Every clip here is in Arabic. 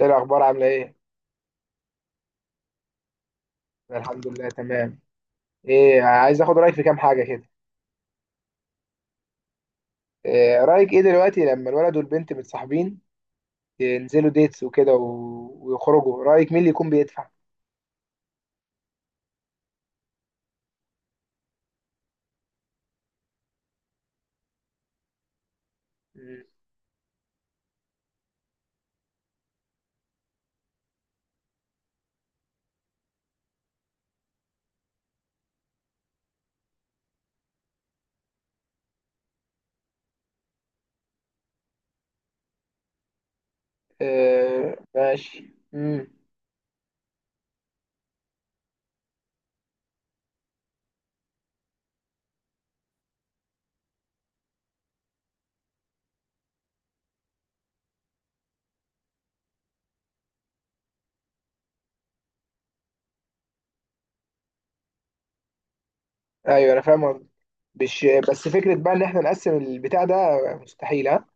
ايه الاخبار عامله ايه؟ أنا الحمد لله تمام. ايه، عايز اخد رايك في كام حاجه كده. إيه رايك ايه دلوقتي لما الولد والبنت متصاحبين، اه، ينزلوا ديتس وكده ويخرجوا، رايك مين اللي يكون بيدفع؟ مم. إيه ماشي. مم. ايوه انا فاهم قصدك. مش بس فكره بقى ان احنا نقسم البتاع ده؟ مستحيل، ها.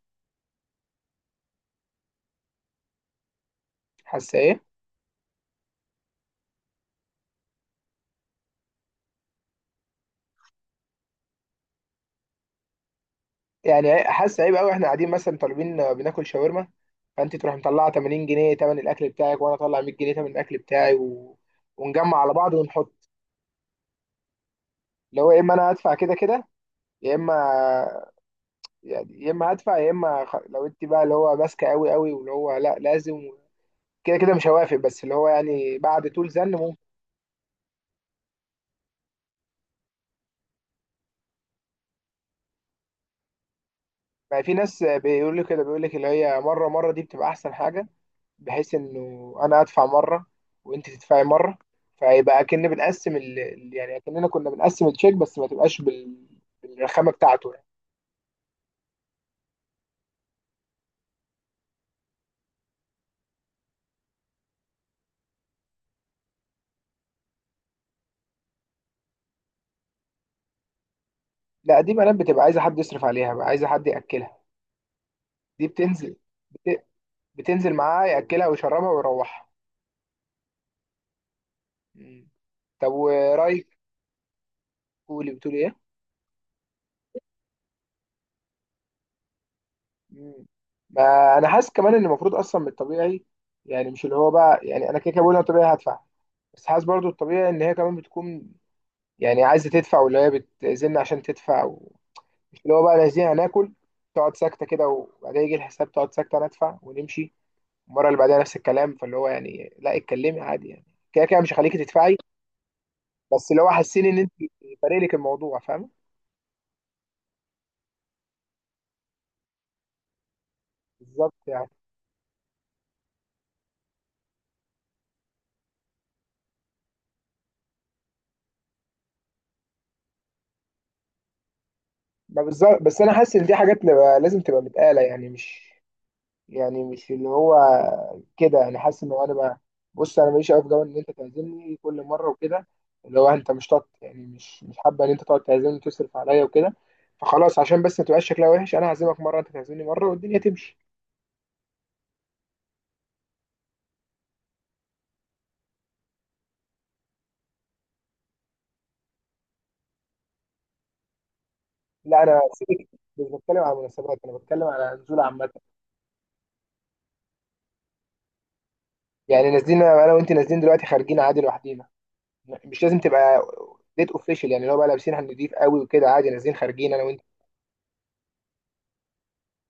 حاسه ايه؟ يعني حاسه عيب قوي، احنا قاعدين مثلا طالبين بناكل شاورما، فانت تروح مطلعه 80 جنيه تمن الاكل بتاعك وانا اطلع 100 جنيه تمن الاكل بتاعي ونجمع على بعض ونحط، اللي هو يا اما انا هدفع كده كده، يا اما، يعني يا اما هدفع يا اما لو انت بقى اللي هو ماسكه قوي قوي واللي هو لا لازم، كده كده مش هوافق، بس اللي هو يعني بعد طول زن ممكن. ما في ناس بيقول لي كده، بيقول لك اللي هي مره مره دي بتبقى احسن حاجه، بحيث انه انا ادفع مره وانت تدفعي مره، فيبقى اكن بنقسم يعني اكننا كنا بنقسم التشيك، بس ما تبقاش بالرخامه بتاعته يعني. لا، دي بنات بتبقى عايزه حد يصرف عليها بقى، عايزه حد ياكلها. دي بتنزل، بت... بتنزل معاه، ياكلها ويشربها ويروحها. مم. طب ورايك، قولي بتقول ايه؟ مم. ما انا حاسس كمان ان المفروض اصلا من الطبيعي، يعني مش اللي هو بقى، يعني انا كده كده بقول انا طبيعي هدفع، بس حاسس برضو الطبيعي ان هي كمان بتكون يعني عايزه تدفع، واللي هي بتأذن عشان تدفع، مش اللي هو بقى لازم هناكل، تقعد ساكته كده، وبعدين يجي الحساب تقعد ساكته، ندفع ونمشي. المره اللي بعدها نفس الكلام، فاللي هو يعني لا، اتكلمي عادي يعني، كده كده مش هخليكي تدفعي، بس اللي هو حاسين ان انت فارق لك الموضوع، فاهمه؟ بالظبط يعني. ما بالظبط، بس انا حاسس ان دي حاجات تبقى لازم تبقى متقاله يعني، مش يعني مش اللي هو كده، يعني حاسس ان هو انا بقى، بص انا ماليش قوي في جو ان انت تعزمني كل مره وكده، اللي هو انت مش طاط يعني، مش حابه ان انت تقعد تعزمني وتصرف عليا وكده، فخلاص عشان بس ما تبقاش شكلها وحش، انا هعزمك مره، انت تعزمني مره، والدنيا تمشي. لا انا سيبك، مش بتكلم على مناسبات، انا بتكلم على نزول عامه. يعني نازلين انا وانت، نازلين دلوقتي خارجين عادي لوحدينا، مش لازم تبقى ديت اوفيشال، يعني اللي هو بقى لابسين هنضيف قوي وكده، عادي نازلين خارجين انا وانت.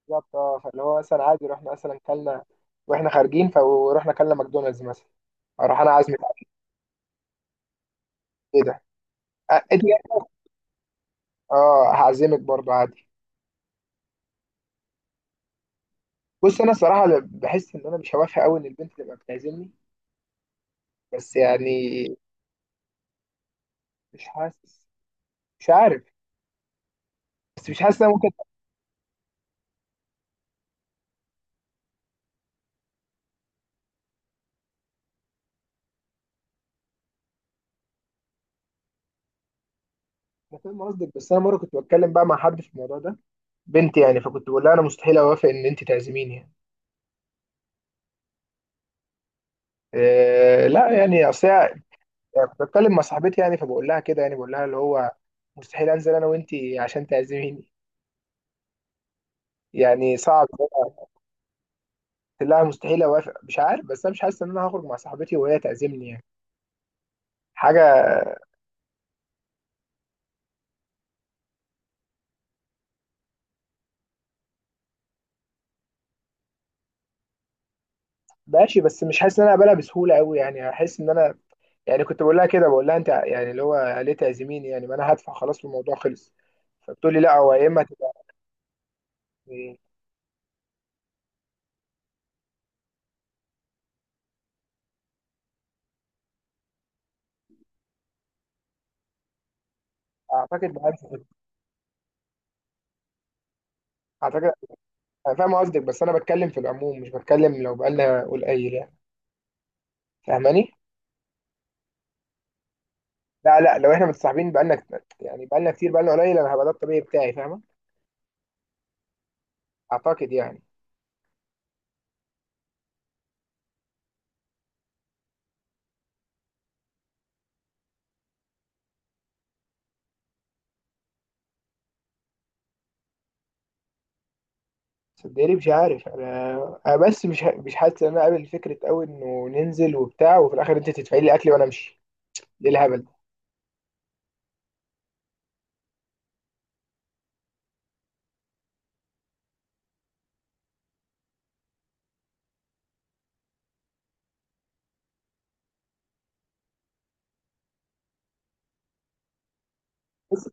بالظبط، اه، فاللي هو مثلا عادي رحنا مثلا كلنا، واحنا خارجين فروحنا كلنا ماكدونالدز مثلا، اروح انا عازمك على كده. انت، اه هعزمك برضو عادي. بص انا الصراحه بحس ان انا مش هوافق قوي ان البنت تبقى بتعزمني، بس يعني، مش حاسس، مش عارف، بس مش حاسس ان انا ممكن. انا فاهم قصدك، بس انا مره كنت بتكلم بقى مع حد في الموضوع ده، بنتي يعني، فكنت بقول لها انا مستحيل اوافق ان انت تعزميني يعني. إيه لا، يعني يعني كنت بتكلم مع صاحبتي يعني، فبقول لها كده، يعني بقول لها اللي هو مستحيل انزل انا وانت عشان تعزميني، يعني صعب. لا مستحيل اوافق، مش عارف، بس انا مش حاسس ان انا هخرج مع صاحبتي وهي تعزمني يعني، حاجه. ماشي، بس مش حاسس ان انا اقبلها بسهوله قوي، يعني احس ان انا، يعني كنت بقول لها كده، بقول لها انت يعني اللي هو ليه تعزميني يعني، ما انا هدفع خلاص والموضوع خلص، فبتقول لي لا، هو يا اما تبقى يعني. اعتقد اعتقد، انا فاهم قصدك، بس انا بتكلم في العموم، مش بتكلم لو بقالنا قليل يعني، فاهماني؟ لا لا، لو احنا متصاحبين بقالنا يعني بقالنا كتير، بقالنا قليل، انا هبقى ده الطبيعي بتاعي، فاهمه؟ اعتقد يعني. صدقني مش عارف انا، انا بس مش حاسس ان انا قابل فكره قوي انه ننزل وبتاع وفي الاخر انت تدفعي لي اكلي وانا امشي. ايه الهبل ده؟ بس،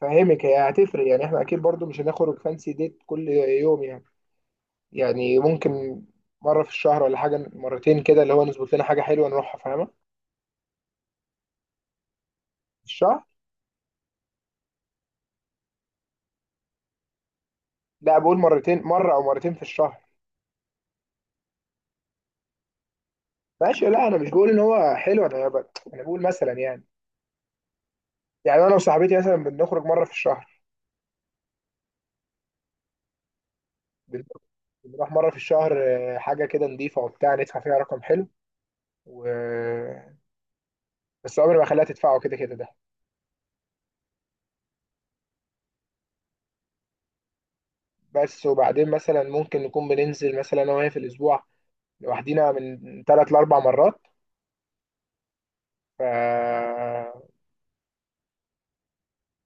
فاهمك، هي هتفرق، يعني احنا اكيد برضو مش هنخرج فانسي ديت كل يوم يعني. يعني ممكن مره في الشهر ولا حاجه، مرتين كده اللي هو نظبط لنا حاجه حلوه نروحها، فاهمه، في الشهر. لا بقول مرتين، مره او مرتين في الشهر. ماشي، لا انا مش بقول ان هو حلو، انا انا بقول مثلا يعني، يعني انا وصاحبتي مثلا بنخرج مره في الشهر، بنروح مرة في الشهر، آه، حاجة كده نضيفة وبتاع، ندفع فيها رقم حلو و... بس عمري ما خليها تدفعه، كده كده ده. بس وبعدين مثلا ممكن نكون بننزل مثلا أنا وهي في الأسبوع لوحدينا من تلات لأربع مرات ف...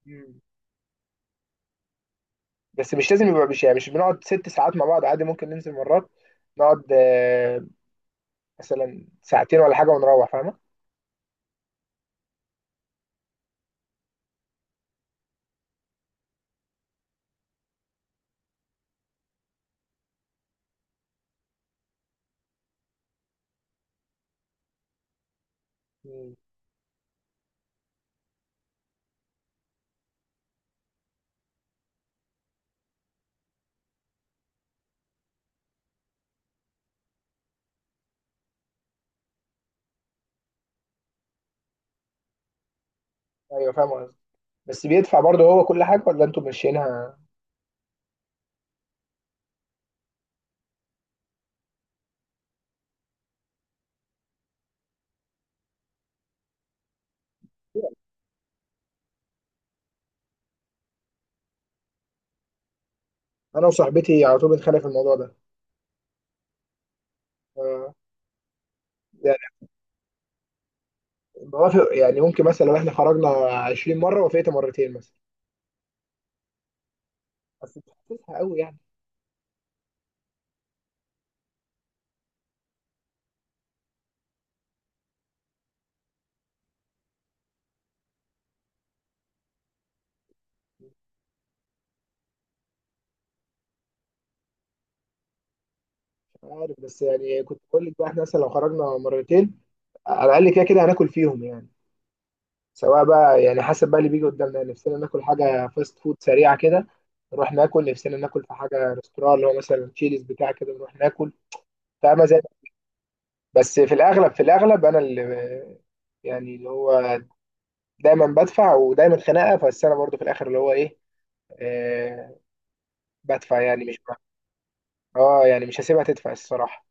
مم. بس مش لازم يبقى، مش يعني مش بنقعد ست ساعات مع بعض، عادي ممكن ننزل مرات نقعد آه، مثلا ساعتين ولا حاجة ونروح، فاهمة؟ مم. أيوه فاهم قصدي، بس بيدفع برضه هو كل حاجة ولا أنتوا ماشيينها؟ أنا وصاحبتي على طول بنتخانق في الموضوع ده. آه. بوافق، يعني ممكن مثلا لو احنا خرجنا 20 مره وافقت مرتين مثلا، بس مش حاسسها قوي يعني. مش عارف، بس يعني كنت بقول لك بقى، احنا مثلا لو خرجنا مرتين على الاقل كده كده هناكل فيهم يعني، سواء بقى يعني حسب بقى اللي بيجي قدامنا يعني. نفسنا ناكل حاجه فاست فود سريعه كده نروح ناكل، نفسنا ناكل في حاجه ريستوران اللي هو مثلا تشيلز بتاع كده نروح ناكل، فاهمه؟ زي، بس في الاغلب انا اللي، يعني اللي هو دايما بدفع، ودايما خناقه، بس انا برضو في الاخر اللي هو ايه، آه، بدفع يعني، مش اه يعني مش هسيبها تدفع الصراحة.